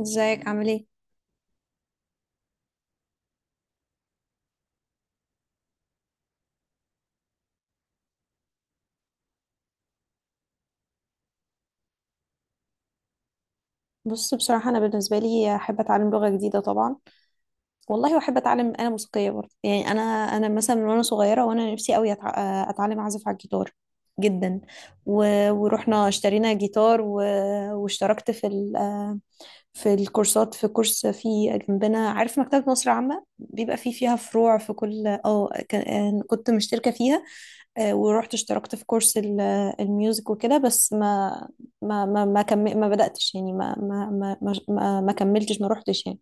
ازيك عامل ايه؟ بص، بصراحه انا بالنسبه لي احب اتعلم لغه جديده طبعا. والله واحب اتعلم انا موسيقيه برضه. يعني انا مثلا من وانا صغيره وانا نفسي قوي اتعلم اعزف على الجيتار جدا. و... ورحنا اشترينا جيتار واشتركت في الكورسات، في كورس في جنبنا، عارف مكتبة مصر العامة بيبقى فيها فروع في كل كنت مشتركة فيها. ورحت اشتركت في كورس الميوزك وكده. بس ما ما ما ما, ما بدأتش يعني، ما كملتش، ما روحتش يعني.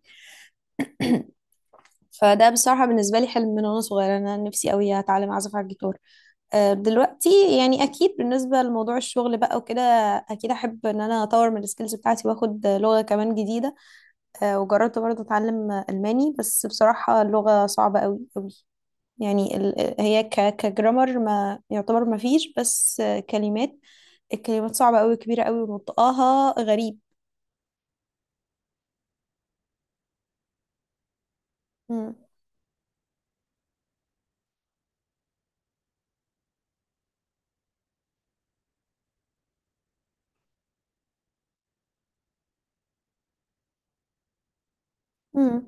فده بصراحة بالنسبة لي حلم من وانا صغيرة، انا نفسي قوي اتعلم اعزف على الجيتار. دلوقتي يعني اكيد بالنسبة لموضوع الشغل بقى وكده، اكيد احب ان انا اطور من السكيلز بتاعتي واخد لغة كمان جديدة. وجربت برضه اتعلم الماني، بس بصراحه اللغه صعبه قوي قوي. يعني هي كجرامر ما يعتبر ما فيش، بس كلمات، الكلمات صعبه قوي، كبيره قوي، ونطقها غريب. مم. مم.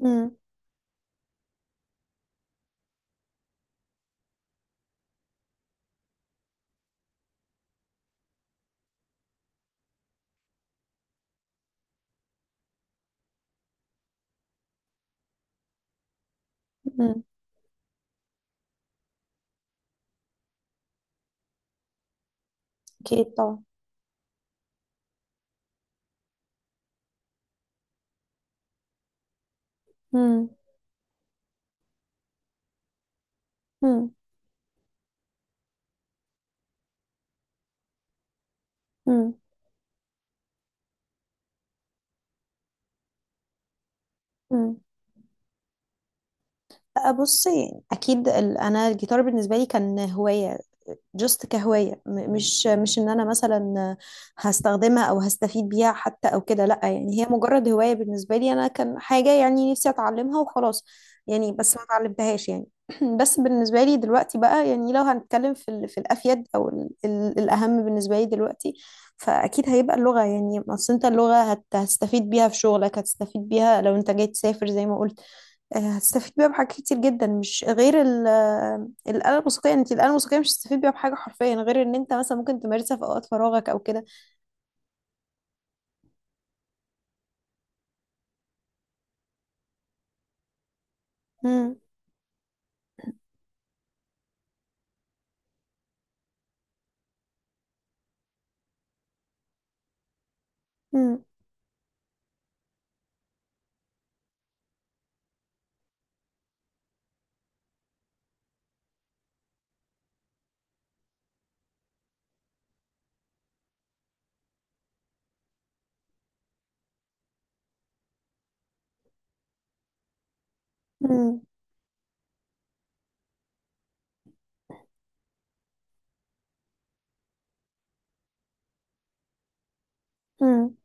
مم. مم. اكيد طبعا. مم. مم. مم. مم. أه، بصي اكيد انا الجيتار بالنسبه لي كان هوايه، جست كهواية. مش ان انا مثلا هستخدمها او هستفيد بيها حتى او كده، لا يعني هي مجرد هواية بالنسبة لي. انا كان حاجة يعني نفسي اتعلمها وخلاص يعني، بس ما اتعلمتهاش يعني. بس بالنسبة لي دلوقتي بقى، يعني لو هنتكلم في الافيد، او الاهم بالنسبة لي دلوقتي فاكيد هيبقى اللغة. يعني اصل انت اللغة هتستفيد بيها في شغلك، هتستفيد بيها لو انت جاي تسافر زي ما قلت. هتستفيد بيها بحاجات كتير جدا، مش غير الآلة الموسيقية. انت الآلة الموسيقية مش هتستفيد بيها بحاجة حرفيا، غير ان انت مثلا ممكن تمارسها في اوقات فراغك او كده. مم، مم، مم، مم.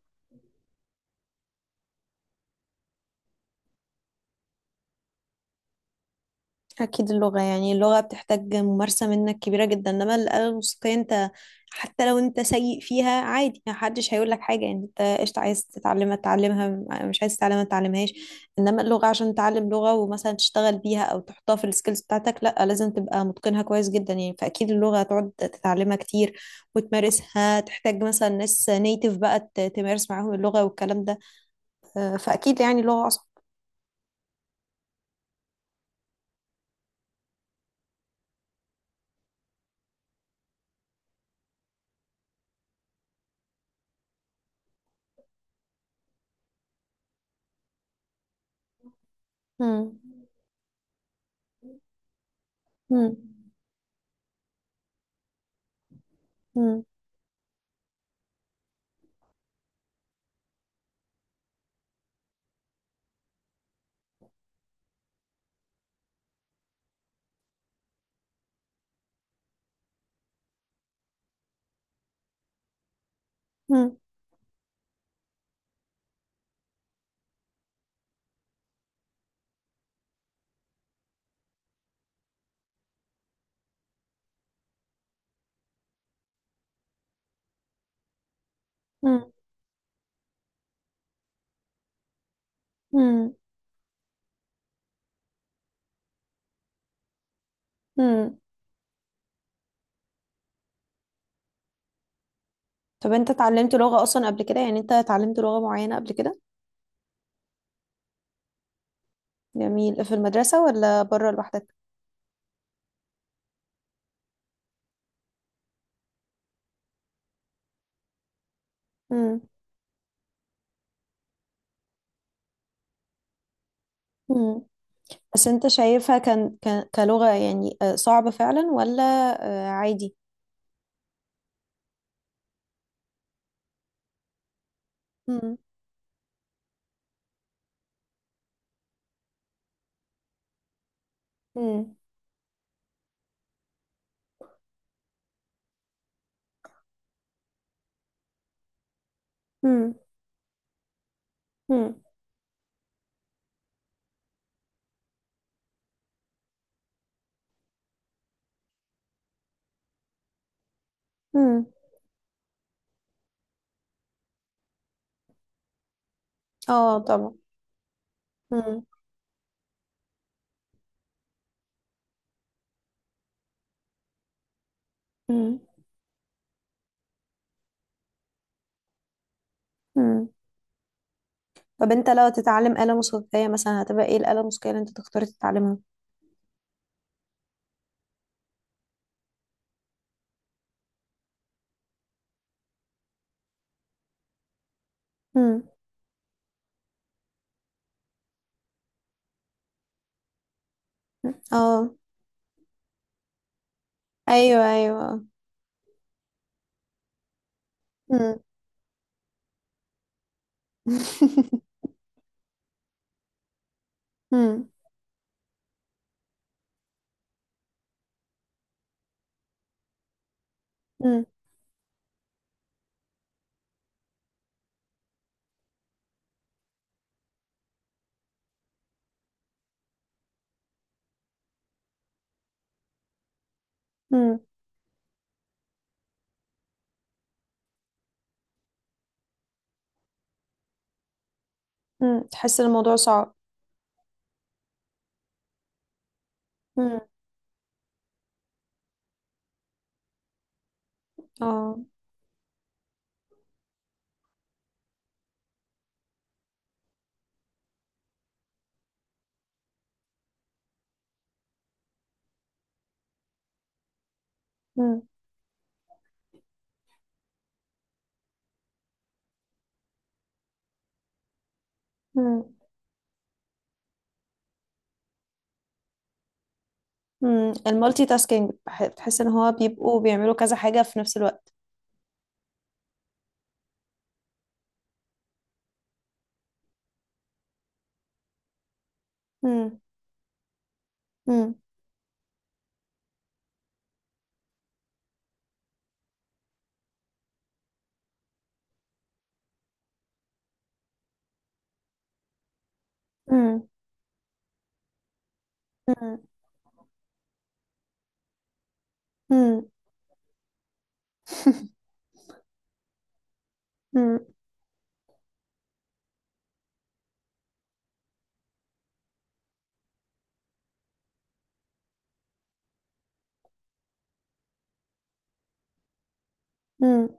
أكيد اللغة. يعني اللغة بتحتاج ممارسة منك كبيرة جدا، إنما الآلة الموسيقية أنت حتى لو أنت سيء فيها عادي، محدش هيقول لك حاجة. يعني أنت قشطة، عايز تتعلمها تتعلمها، مش عايز تتعلمها متتعلمهاش. إنما اللغة عشان تتعلم لغة ومثلا تشتغل بيها أو تحطها في السكيلز بتاعتك، لأ لازم تبقى متقنها كويس جدا. يعني فأكيد اللغة هتقعد تتعلمها كتير وتمارسها، تحتاج مثلا ناس نيتيف بقى تمارس معاهم اللغة والكلام ده. فأكيد يعني اللغة أصعب. مم. مم. مم. مم. مم. امم طب انت اتعلمت لغة اصلا قبل كده؟ يعني انت اتعلمت لغة معينة قبل كده؟ جميل. في المدرسة ولا بره لوحدك؟ امم. امم. بس انت شايفها كان كلغة يعني صعبة فعلا، ولا عادي؟ امم. امم. امم. امم. امم. اه طبعا. امم. امم. امم. طب انت لو تتعلم آلة موسيقية مثلا، هتبقى ايه الآلة الموسيقية اللي انت تختار تتعلمها؟ امم. اه. ايوه، ايوه. امم. امم. امم. امم. تحس ان الموضوع صعب. مم. اه. مم. مم. مم. المالتي تاسكينج. بتحس ان هو بيبقوا بيعملوا كذا حاجة في نفس الوقت. مم. مم. مم. مم. مم. مم. مم.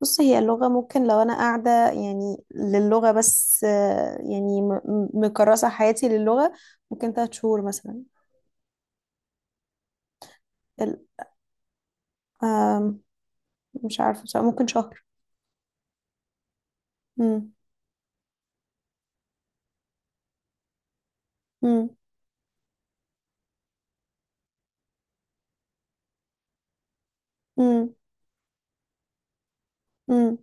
بص، هي اللغة ممكن لو انا قاعدة يعني للغة بس، يعني مكرسة حياتي للغة، ممكن تلات شهور مثلا. ال- آم، مش عارفة بصراحة، ممكن شهر. مم. مم. مم. مم.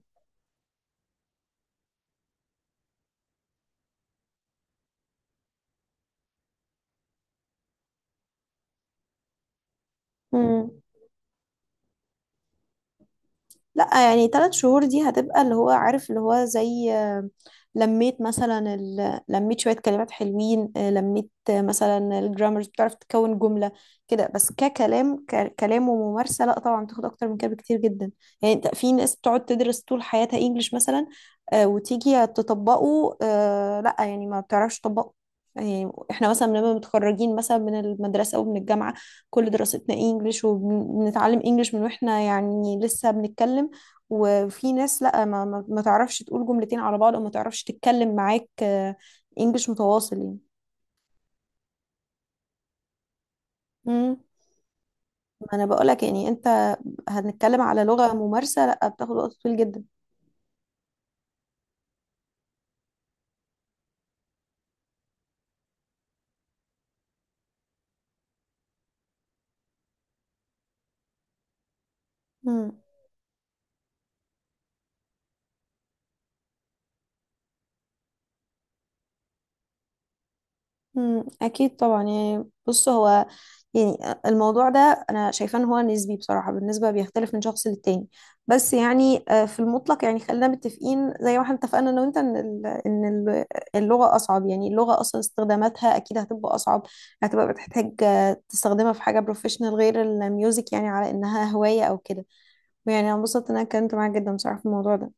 مم. لا يعني ثلاث شهور دي هتبقى اللي هو عارف اللي هو زي لميت مثلا لميت شوية كلمات حلوين، لميت مثلا الجرامرز، بتعرف تكون جملة كده بس. ككلام كلام وممارسة، لا طبعا بتاخد أكتر من كده بكتير جدا. يعني انت، في ناس بتقعد تدرس طول حياتها انجليش مثلا، وتيجي تطبقه، لا يعني ما بتعرفش تطبقه. يعني احنا مثلا لما متخرجين مثلا من المدرسة أو من الجامعة، كل دراستنا انجليش وبنتعلم انجليش من واحنا يعني لسه بنتكلم. وفي ناس لا، ما تعرفش تقول جملتين على بعض، او ما تعرفش تتكلم معاك انجليش متواصل يعني. مم. ما انا بقولك، يعني انت هنتكلم على لغة ممارسة، لا بتاخد وقت طويل جدا. مم. مم، اكيد طبعا. يعني بص، هو يعني الموضوع ده انا شايفاه ان هو نسبي بصراحه، بالنسبه بيختلف من شخص للتاني. بس يعني في المطلق، يعني خلينا متفقين زي ما احنا اتفقنا انا وانت ان اللغه اصعب. يعني اللغه اصلا استخداماتها اكيد هتبقى اصعب، هتبقى بتحتاج تستخدمها في حاجه بروفيشنال، غير الميوزك يعني على انها هوايه او كده. يعني انا انبسطت ان انا اتكلمت معاك جدا بصراحه في الموضوع ده.